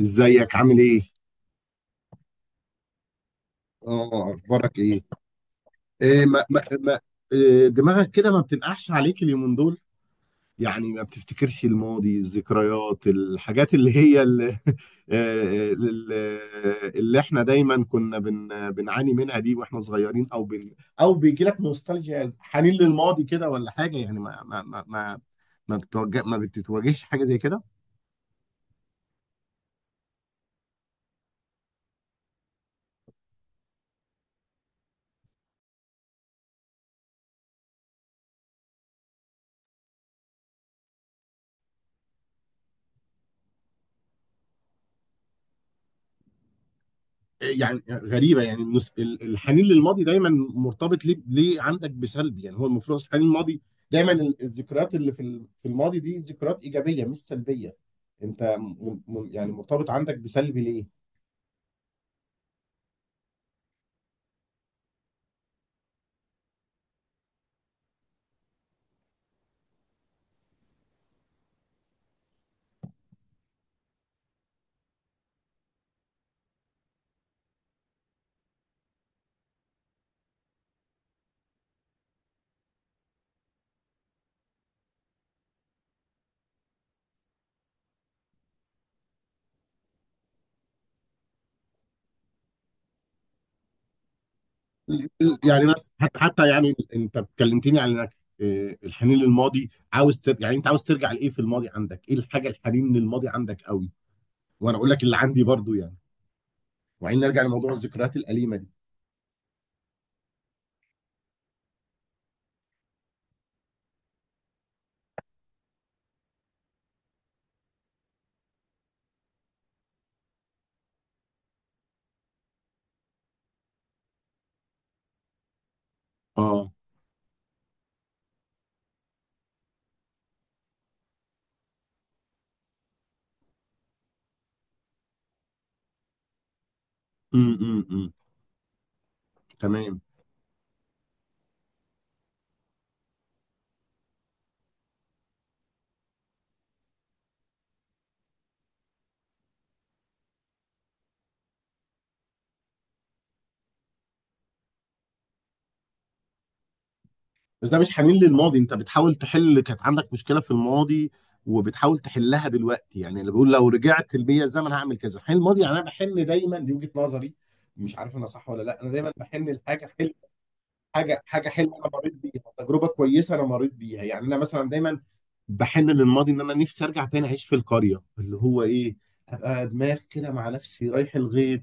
ازيك عامل ايه؟ اه اخبارك ايه؟ إيه ما ما ما إيه دماغك كده ما بتنقحش عليك اليومين دول؟ يعني ما بتفتكرش الماضي، الذكريات، الحاجات اللي هي اللي, اللي اللي احنا دايما كنا بنعاني منها دي واحنا صغيرين او او بيجي لك نوستالجيا يعني حنين للماضي كده ولا حاجة يعني ما بتتواجهش حاجة زي كده؟ يعني غريبه يعني الحنين للماضي دايما مرتبط ليه عندك بسلب، يعني هو المفروض أصل الحنين الماضي دايما الذكريات اللي في الماضي دي ذكريات ايجابيه مش سلبيه. انت يعني مرتبط عندك بسلب ليه؟ يعني بس حتى يعني انت اتكلمتني على انك آه، الحنين للماضي عاوز تر... يعني انت عاوز ترجع لايه في الماضي؟ عندك ايه الحاجه الحنين للماضي عندك قوي؟ وانا اقول لك اللي عندي برضو، يعني وبعدين نرجع لموضوع الذكريات الاليمه دي. اه. امم، امم. تمام. بس ده مش حنين للماضي، انت بتحاول تحل، كانت عندك مشكله في الماضي وبتحاول تحلها دلوقتي. يعني اللي بيقول لو رجعت بيا الزمن هعمل كذا، حل الماضي يعني. انا بحن دايما، دي وجهه نظري، مش عارف انا صح ولا لا. انا دايما بحن لحاجه حلوه، حاجه حلوه انا مريت بيها، تجربه كويسه انا مريت بيها. يعني انا مثلا دايما بحن للماضي ان انا نفسي ارجع تاني اعيش في القريه، اللي هو ايه، ابقى دماغ كده مع نفسي رايح الغيط،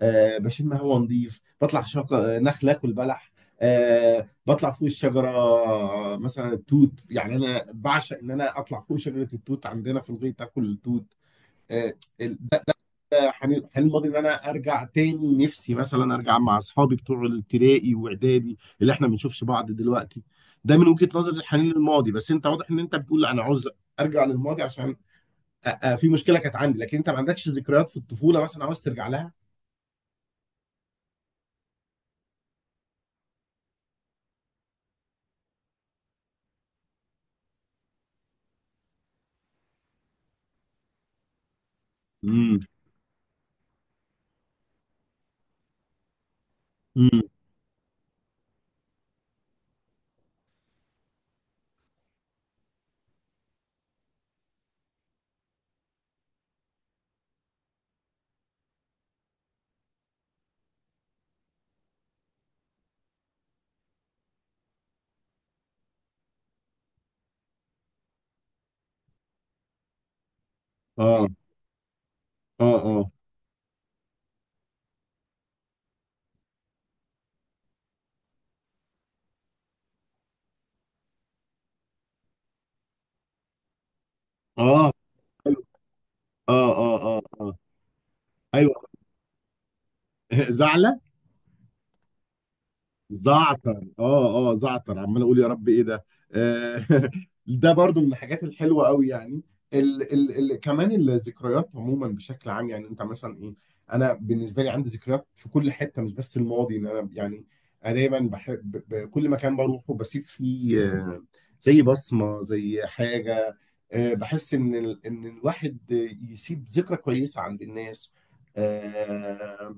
آه بشم هوا نظيف، بطلع شجر نخل اكل بلح، آه بطلع فوق الشجره، آه، مثلا التوت. يعني انا بعشق ان انا اطلع فوق شجره التوت عندنا في الغيط اكل التوت. آه ده ده حنين حنين الماضي، ان انا ارجع تاني. نفسي مثلا ارجع مع اصحابي بتوع الابتدائي واعدادي اللي احنا ما بنشوفش بعض دلوقتي. ده من وجهه نظر الحنين للماضي، بس انت واضح ان انت بتقول لا انا عاوز ارجع للماضي عشان في مشكله كانت عندي. لكن انت ما عندكش ذكريات في الطفوله مثلا عاوز ترجع لها؟ امم، امم. اه اه اه اه. حلو. اه اه اه اه. ايوه. زعلة. زعتر، اه اه، زعتر، عمال اقول يا رب ايه ده. آه، ده برضو من الحاجات الحلوه قوي يعني. ال ال ال كمان الذكريات عموما بشكل عام، يعني انت مثلا ايه؟ انا بالنسبه لي عندي ذكريات في كل حته، مش بس الماضي. ان انا يعني انا دايما بحب كل مكان بروحه بسيب فيه آه، زي بصمه، زي حاجه، آه، بحس ان ان الواحد يسيب ذكرى كويسه عند الناس. آه،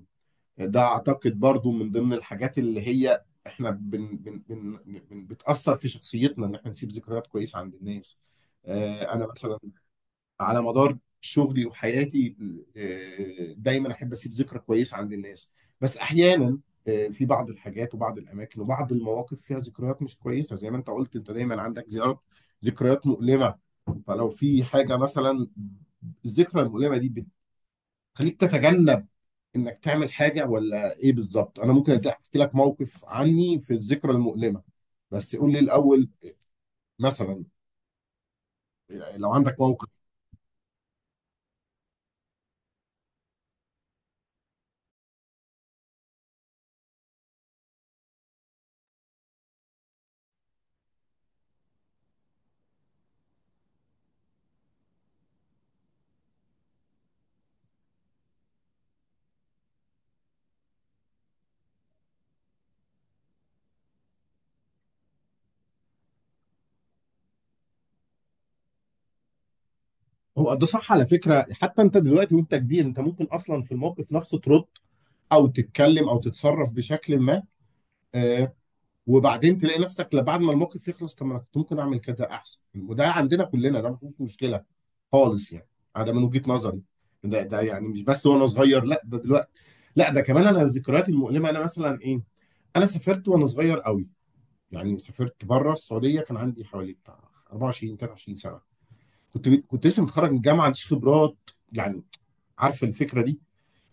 ده اعتقد برضو من ضمن الحاجات اللي هي احنا بن بن بن بن بتأثر في شخصيتنا، ان احنا نسيب ذكريات كويسة عند الناس. آه، انا مثلا على مدار شغلي وحياتي آه، دايما احب اسيب ذكرى كويسة عند الناس. بس احيانا آه، في بعض الحاجات وبعض الاماكن وبعض المواقف فيها ذكريات مش كويسة، زي ما انت قلت انت دايما عندك زيارات، ذكريات مؤلمة. فلو في حاجة مثلا، الذكرى المؤلمة دي بتخليك تتجنب انك تعمل حاجه ولا ايه بالظبط؟ انا ممكن احكي لك موقف عني في الذكرى المؤلمه، بس قول لي الاول مثلا لو عندك موقف. هو ده صح على فكره، حتى انت دلوقتي وانت كبير، انت ممكن اصلا في الموقف نفسه ترد او تتكلم او تتصرف بشكل ما، آه وبعدين تلاقي نفسك لا، بعد ما الموقف يخلص، طب ما انا كنت ممكن اعمل كده احسن. وده عندنا كلنا، ده ما فيهوش مشكله خالص يعني، ده من وجهه نظري. ده يعني مش بس وانا صغير، لا ده دلوقتي، لا ده كمان. انا الذكريات المؤلمه انا مثلا ايه، انا سافرت وانا صغير قوي، يعني سافرت بره السعوديه. كان عندي حوالي بتاع 24 23 سنه، كنت لسه متخرج من الجامعه، عنديش خبرات يعني، عارف الفكره دي.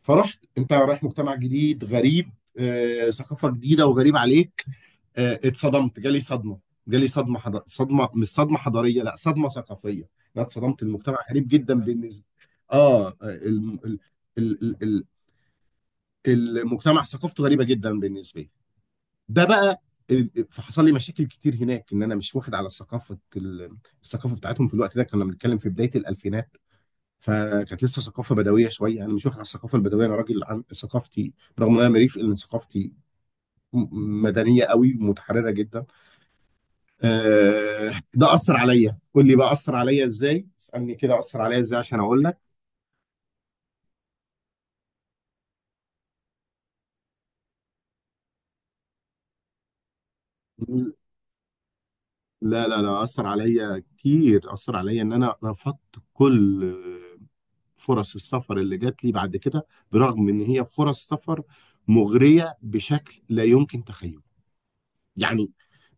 فرحت انت رايح مجتمع جديد غريب، آه، ثقافه جديده وغريب عليك، آه، اتصدمت، جالي صدمه، صدمه، مش صدمه حضاريه لا صدمه ثقافيه. انا اتصدمت، المجتمع غريب جدا بالنسبه. اه ال... ال... المجتمع ثقافته غريبه جدا بالنسبه لي، ده بقى. فحصل لي مشاكل كتير هناك ان انا مش واخد على ثقافه الثقافه بتاعتهم. في الوقت ده كنا بنتكلم في بدايه الالفينات، فكانت لسه ثقافه بدويه شويه، انا مش واخد على الثقافه البدويه، انا راجل عن ثقافتي، برغم ان انا مريف ان ثقافتي مدنيه قوي ومتحرره جدا. آه، ده اثر عليا، قول لي بقى اثر عليا ازاي، اسالني كده اثر عليا ازاي عشان اقول لك. لا لا لا، اثر عليا كتير، اثر عليا ان انا رفضت كل فرص السفر اللي جات لي بعد كده، برغم ان هي فرص سفر مغريه بشكل لا يمكن تخيله. يعني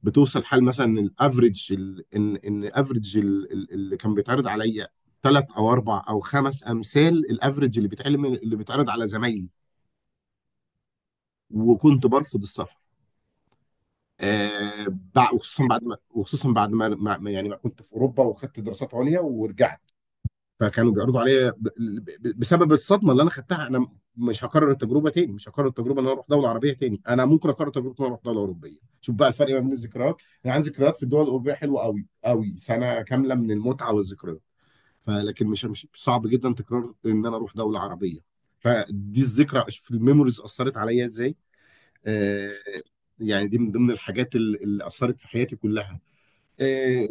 بتوصل حال مثلا الافريج ال- ان ان افريج اللي كان بيتعرض عليا 3 او 4 او 5 امثال الافريج اللي بيتعلم اللي بيتعرض على زمايلي، وكنت برفض السفر. آه وخصوصا بعد ما يعني ما كنت في اوروبا وخدت دراسات عليا ورجعت، فكانوا بيعرضوا عليا، بسبب الصدمه اللي انا خدتها، انا مش هكرر التجربه تاني، مش هكرر التجربه ان انا اروح دوله عربيه تاني. انا ممكن اكرر تجربه ان انا اروح دوله اوروبيه. شوف بقى الفرق ما بين الذكريات، انا عندي ذكريات في الدول الاوروبيه حلوه قوي قوي، 1 سنة كاملة من المتعه والذكريات. فلكن مش صعب جدا تكرار ان انا اروح دوله عربيه. فدي الذكرى في الميموريز اثرت عليا ازاي، آه، يعني دي من ضمن الحاجات اللي اثرت في حياتي كلها آه،.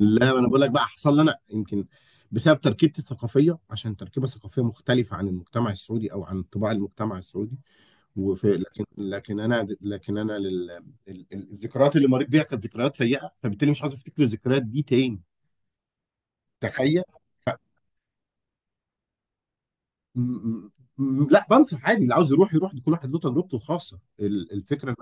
لا ما انا بقول لك بقى، حصل لي انا يمكن بسبب تركيبتي الثقافيه، عشان تركيبه ثقافيه مختلفه عن المجتمع السعودي او عن طباع المجتمع السعودي. وفي لكن انا الذكريات اللي مريت بيها كانت ذكريات سيئه، فبالتالي مش عاوز افتكر الذكريات دي تاني. تخيل. م- م- لا بنصح عادي، اللي عاوز يروح يروح، كل واحد له تجربته الخاصه. الفكره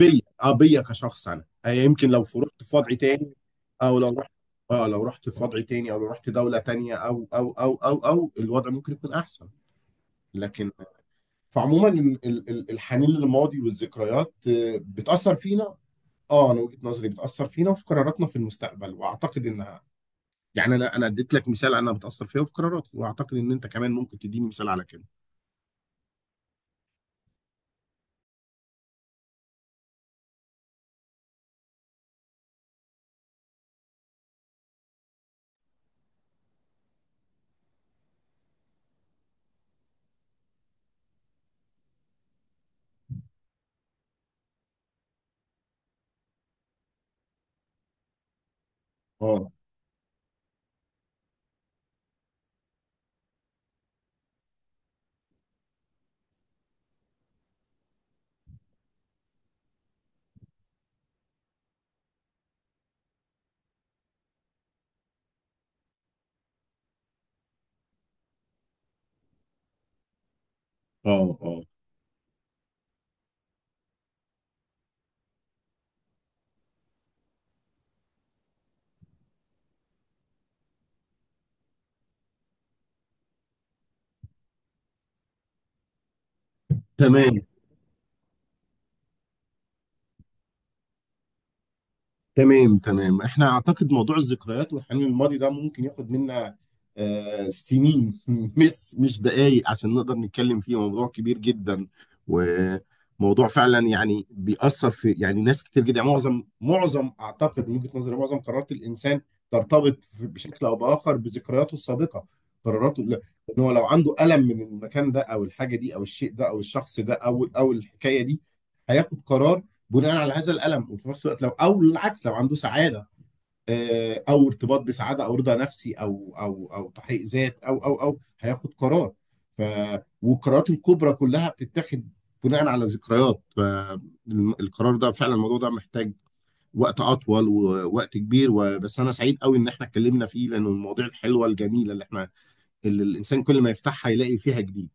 بيا، اه بيا كشخص انا، آه يمكن لو رحت في وضع تاني او لو رحت اه لو رحت في وضع تاني او لو رحت دولة تانية او الوضع ممكن يكون احسن. لكن فعموما الحنين للماضي والذكريات آه، بتأثر فينا. اه انا وجهة نظري بتأثر فينا وفي قراراتنا في المستقبل، واعتقد انها يعني. انا اديت لك مثال، انا بتأثر فيها وفي قراراتي، واعتقد ان انت كمان ممكن تديني مثال على كده. اه اه اه. تمام تمام تمام. احنا اعتقد موضوع الذكريات والحنين للماضي ده ممكن ياخد منا آه سنين مش مش دقايق، عشان نقدر نتكلم فيه. موضوع كبير جدا، وموضوع فعلا يعني بيأثر في يعني ناس كتير جدا. يعني معظم معظم اعتقد من وجهة نظري معظم قرارات الانسان ترتبط بشكل او باخر بذكرياته السابقة، قراراته ان هو لو عنده ألم من المكان ده او الحاجة دي او الشيء ده او الشخص ده او الحكاية دي، هياخد قرار بناء على هذا الالم. وفي نفس الوقت لو، او العكس، لو عنده سعاده آه، او ارتباط بسعاده او رضا نفسي او تحقيق ذات او هياخد قرار. ف والقرارات الكبرى كلها بتتاخد بناء على ذكريات. فالقرار ده فعلا، الموضوع ده محتاج وقت اطول ووقت كبير، وبس انا سعيد قوي ان احنا اتكلمنا فيه، لانه المواضيع الحلوه الجميله اللي احنا، اللي الانسان كل ما يفتحها يلاقي فيها جديد.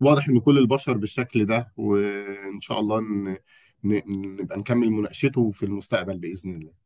واضح ان كل البشر بالشكل ده، وان شاء الله ن... نبقى نكمل مناقشته في المستقبل باذن الله.